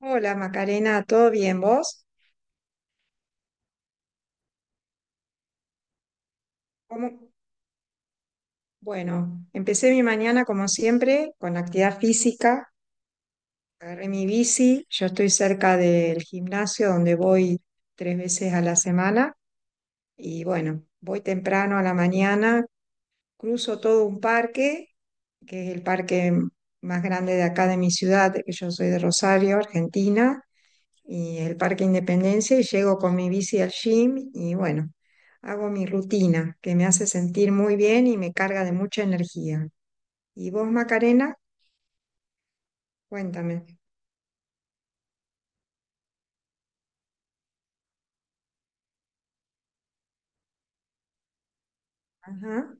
Hola Macarena, ¿todo bien vos? ¿Cómo? Bueno, empecé mi mañana como siempre con actividad física, agarré mi bici, yo estoy cerca del gimnasio donde voy tres veces a la semana y bueno, voy temprano a la mañana, cruzo todo un parque, que es el parque más grande de acá de mi ciudad, que yo soy de Rosario, Argentina, y el Parque Independencia y llego con mi bici al gym y bueno, hago mi rutina que me hace sentir muy bien y me carga de mucha energía. ¿Y vos, Macarena? Cuéntame. Ajá,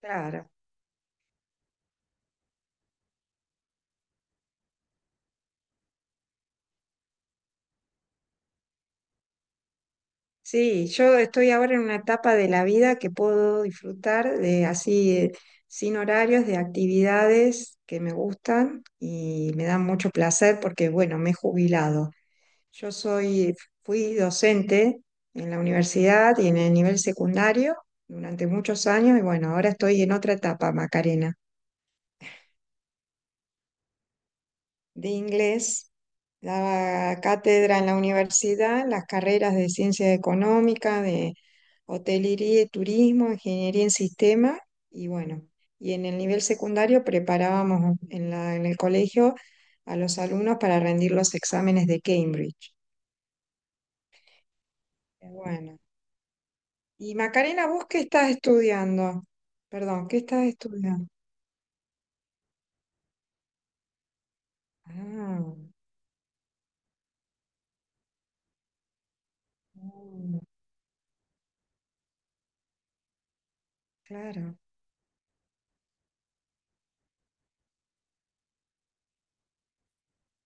claro. Sí, yo estoy ahora en una etapa de la vida que puedo disfrutar de así, sin horarios, de actividades que me gustan y me dan mucho placer porque, bueno, me he jubilado. Yo soy, fui docente en la universidad y en el nivel secundario durante muchos años y bueno, ahora estoy en otra etapa, Macarena, de inglés. Daba cátedra en la universidad, las carreras de ciencia económica, de hotelería y turismo, ingeniería en sistema y bueno, y en el nivel secundario preparábamos en el colegio a los alumnos para rendir los exámenes de Cambridge. Bueno, y Macarena, ¿vos qué estás estudiando? Perdón, ¿qué estás estudiando? Ah, mm, claro.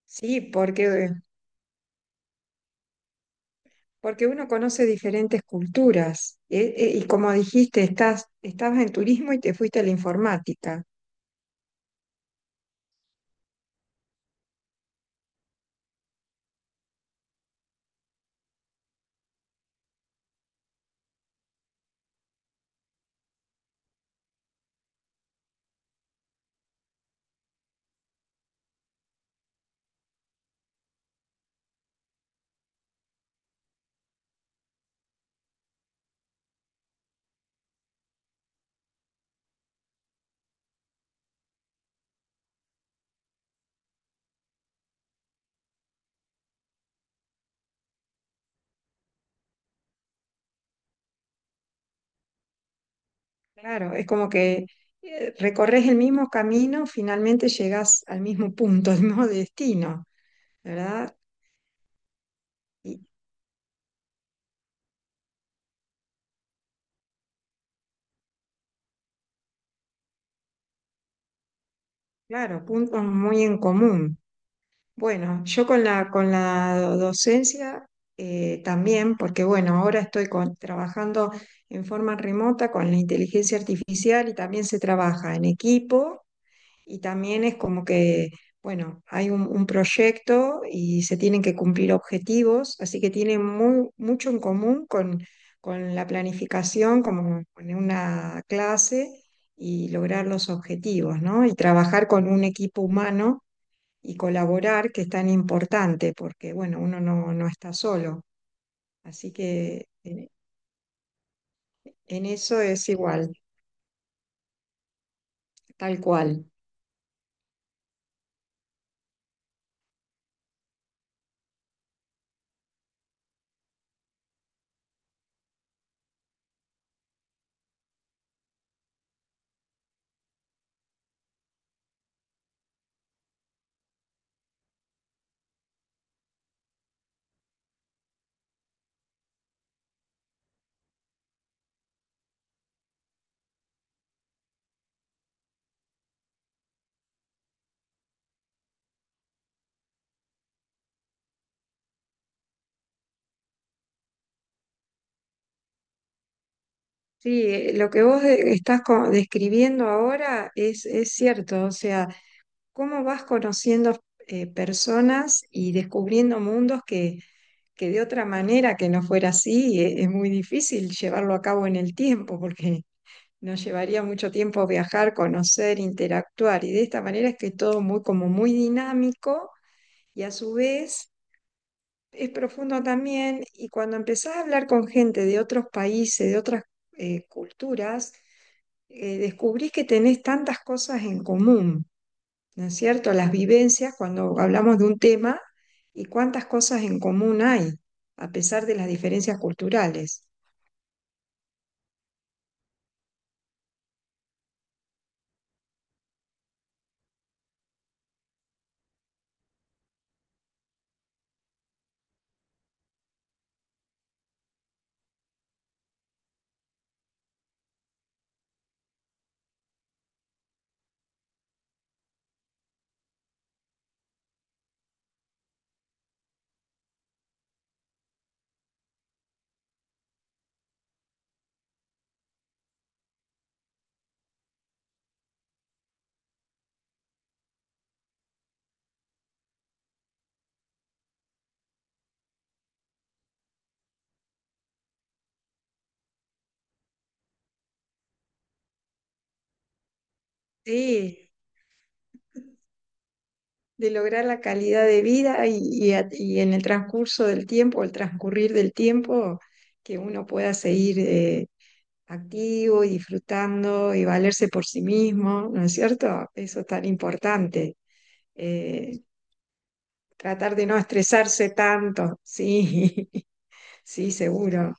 Sí, porque, porque uno conoce diferentes culturas. Y como dijiste, estás, estabas en turismo y te fuiste a la informática. Claro, es como que recorres el mismo camino, finalmente llegas al mismo punto, al mismo destino, ¿verdad? Y claro, puntos muy en común. Bueno, yo con la docencia también, porque bueno, ahora estoy trabajando en forma remota con la inteligencia artificial y también se trabaja en equipo y también es como que, bueno, hay un proyecto y se tienen que cumplir objetivos, así que tiene muy, mucho en común con la planificación, como en una clase y lograr los objetivos, ¿no? Y trabajar con un equipo humano y colaborar, que es tan importante, porque bueno, uno no, no está solo. Así que en eso es igual, tal cual. Sí, lo que vos estás describiendo ahora es cierto, o sea, cómo vas conociendo personas y descubriendo mundos que de otra manera que no fuera así, es muy difícil llevarlo a cabo en el tiempo, porque nos llevaría mucho tiempo viajar, conocer, interactuar, y de esta manera es que todo muy como muy dinámico y a su vez es profundo también y cuando empezás a hablar con gente de otros países, de otras culturas, descubrís que tenés tantas cosas en común, ¿no es cierto? Las vivencias cuando hablamos de un tema y cuántas cosas en común hay, a pesar de las diferencias culturales. Sí, de lograr la calidad de vida y y en el transcurso del tiempo, el transcurrir del tiempo, que uno pueda seguir activo y disfrutando y valerse por sí mismo, ¿no es cierto? Eso es tan importante. Eh, tratar de no estresarse tanto, sí, sí, seguro.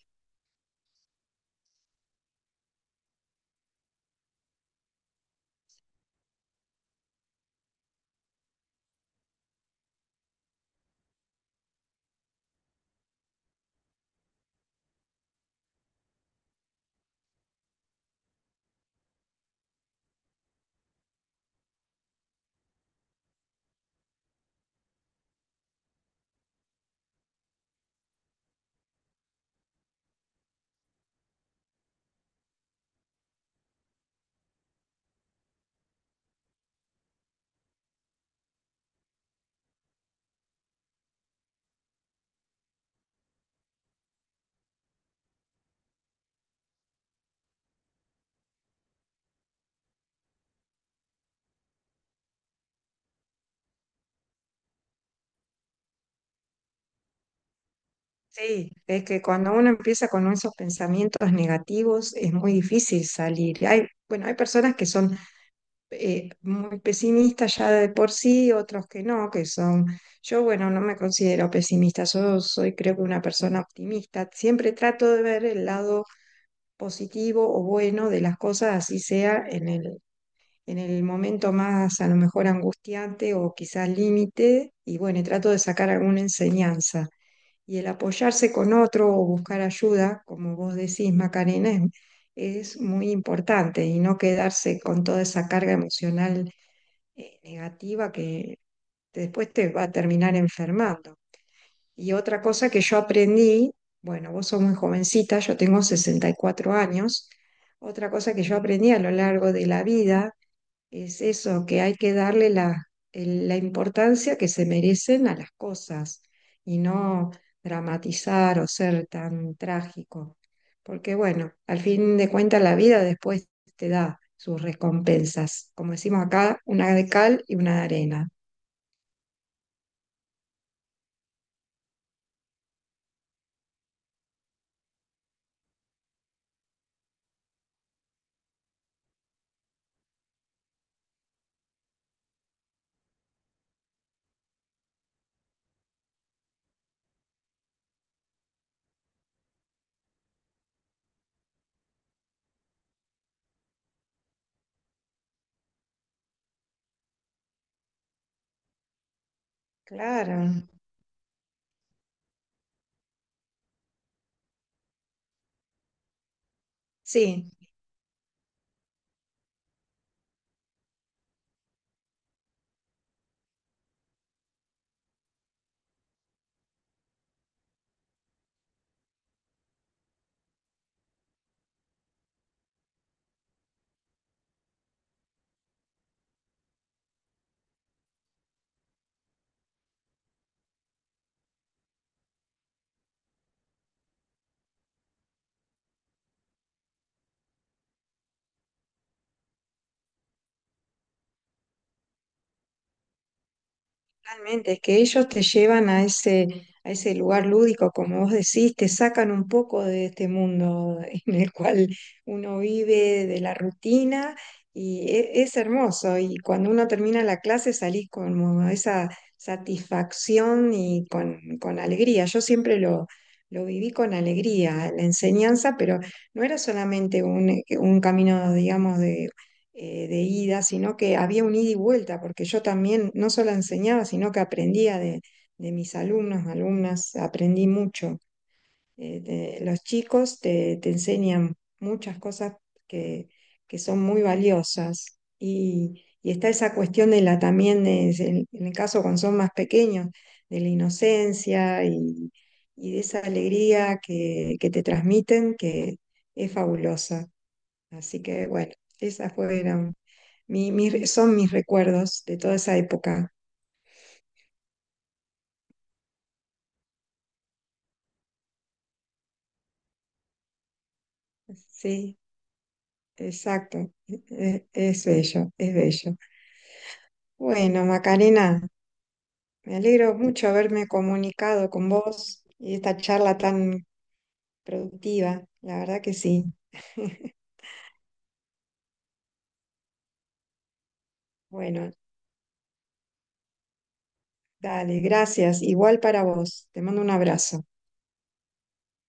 Sí, es que cuando uno empieza con esos pensamientos negativos es muy difícil salir. Hay, bueno, hay personas que son muy pesimistas ya de por sí, otros que no, que son... Yo, bueno, no me considero pesimista, yo soy creo que una persona optimista. Siempre trato de ver el lado positivo o bueno de las cosas, así sea en el momento más a lo mejor angustiante o quizás límite, y bueno, y trato de sacar alguna enseñanza. Y el apoyarse con otro o buscar ayuda, como vos decís, Macarena, es muy importante y no quedarse con toda esa carga emocional negativa que después te va a terminar enfermando. Y otra cosa que yo aprendí, bueno, vos sos muy jovencita, yo tengo 64 años, otra cosa que yo aprendí a lo largo de la vida es eso, que hay que darle la, la importancia que se merecen a las cosas y no dramatizar o ser tan trágico, porque bueno, al fin de cuentas la vida después te da sus recompensas, como decimos acá, una de cal y una de arena. Claro, sí. Totalmente, es que ellos te llevan a ese lugar lúdico, como vos decís, te sacan un poco de este mundo en el cual uno vive de la rutina y es hermoso. Y cuando uno termina la clase salís con esa satisfacción y con alegría. Yo siempre lo viví con alegría, la enseñanza, pero no era solamente un camino, digamos, de ida, sino que había un ida y vuelta, porque yo también no solo enseñaba, sino que aprendía de mis alumnos, alumnas, aprendí mucho. Los chicos te, te enseñan muchas cosas que, que son muy valiosas y está esa cuestión de la también, es en el caso cuando son más pequeños, de la inocencia y de esa alegría que te transmiten que es fabulosa. Así que bueno, esa fue son mis recuerdos de toda esa época. Sí, exacto. Es bello, es bello. Bueno, Macarena, me alegro mucho haberme comunicado con vos y esta charla tan productiva. La verdad que sí. Bueno, dale, gracias. Igual para vos. Te mando un abrazo.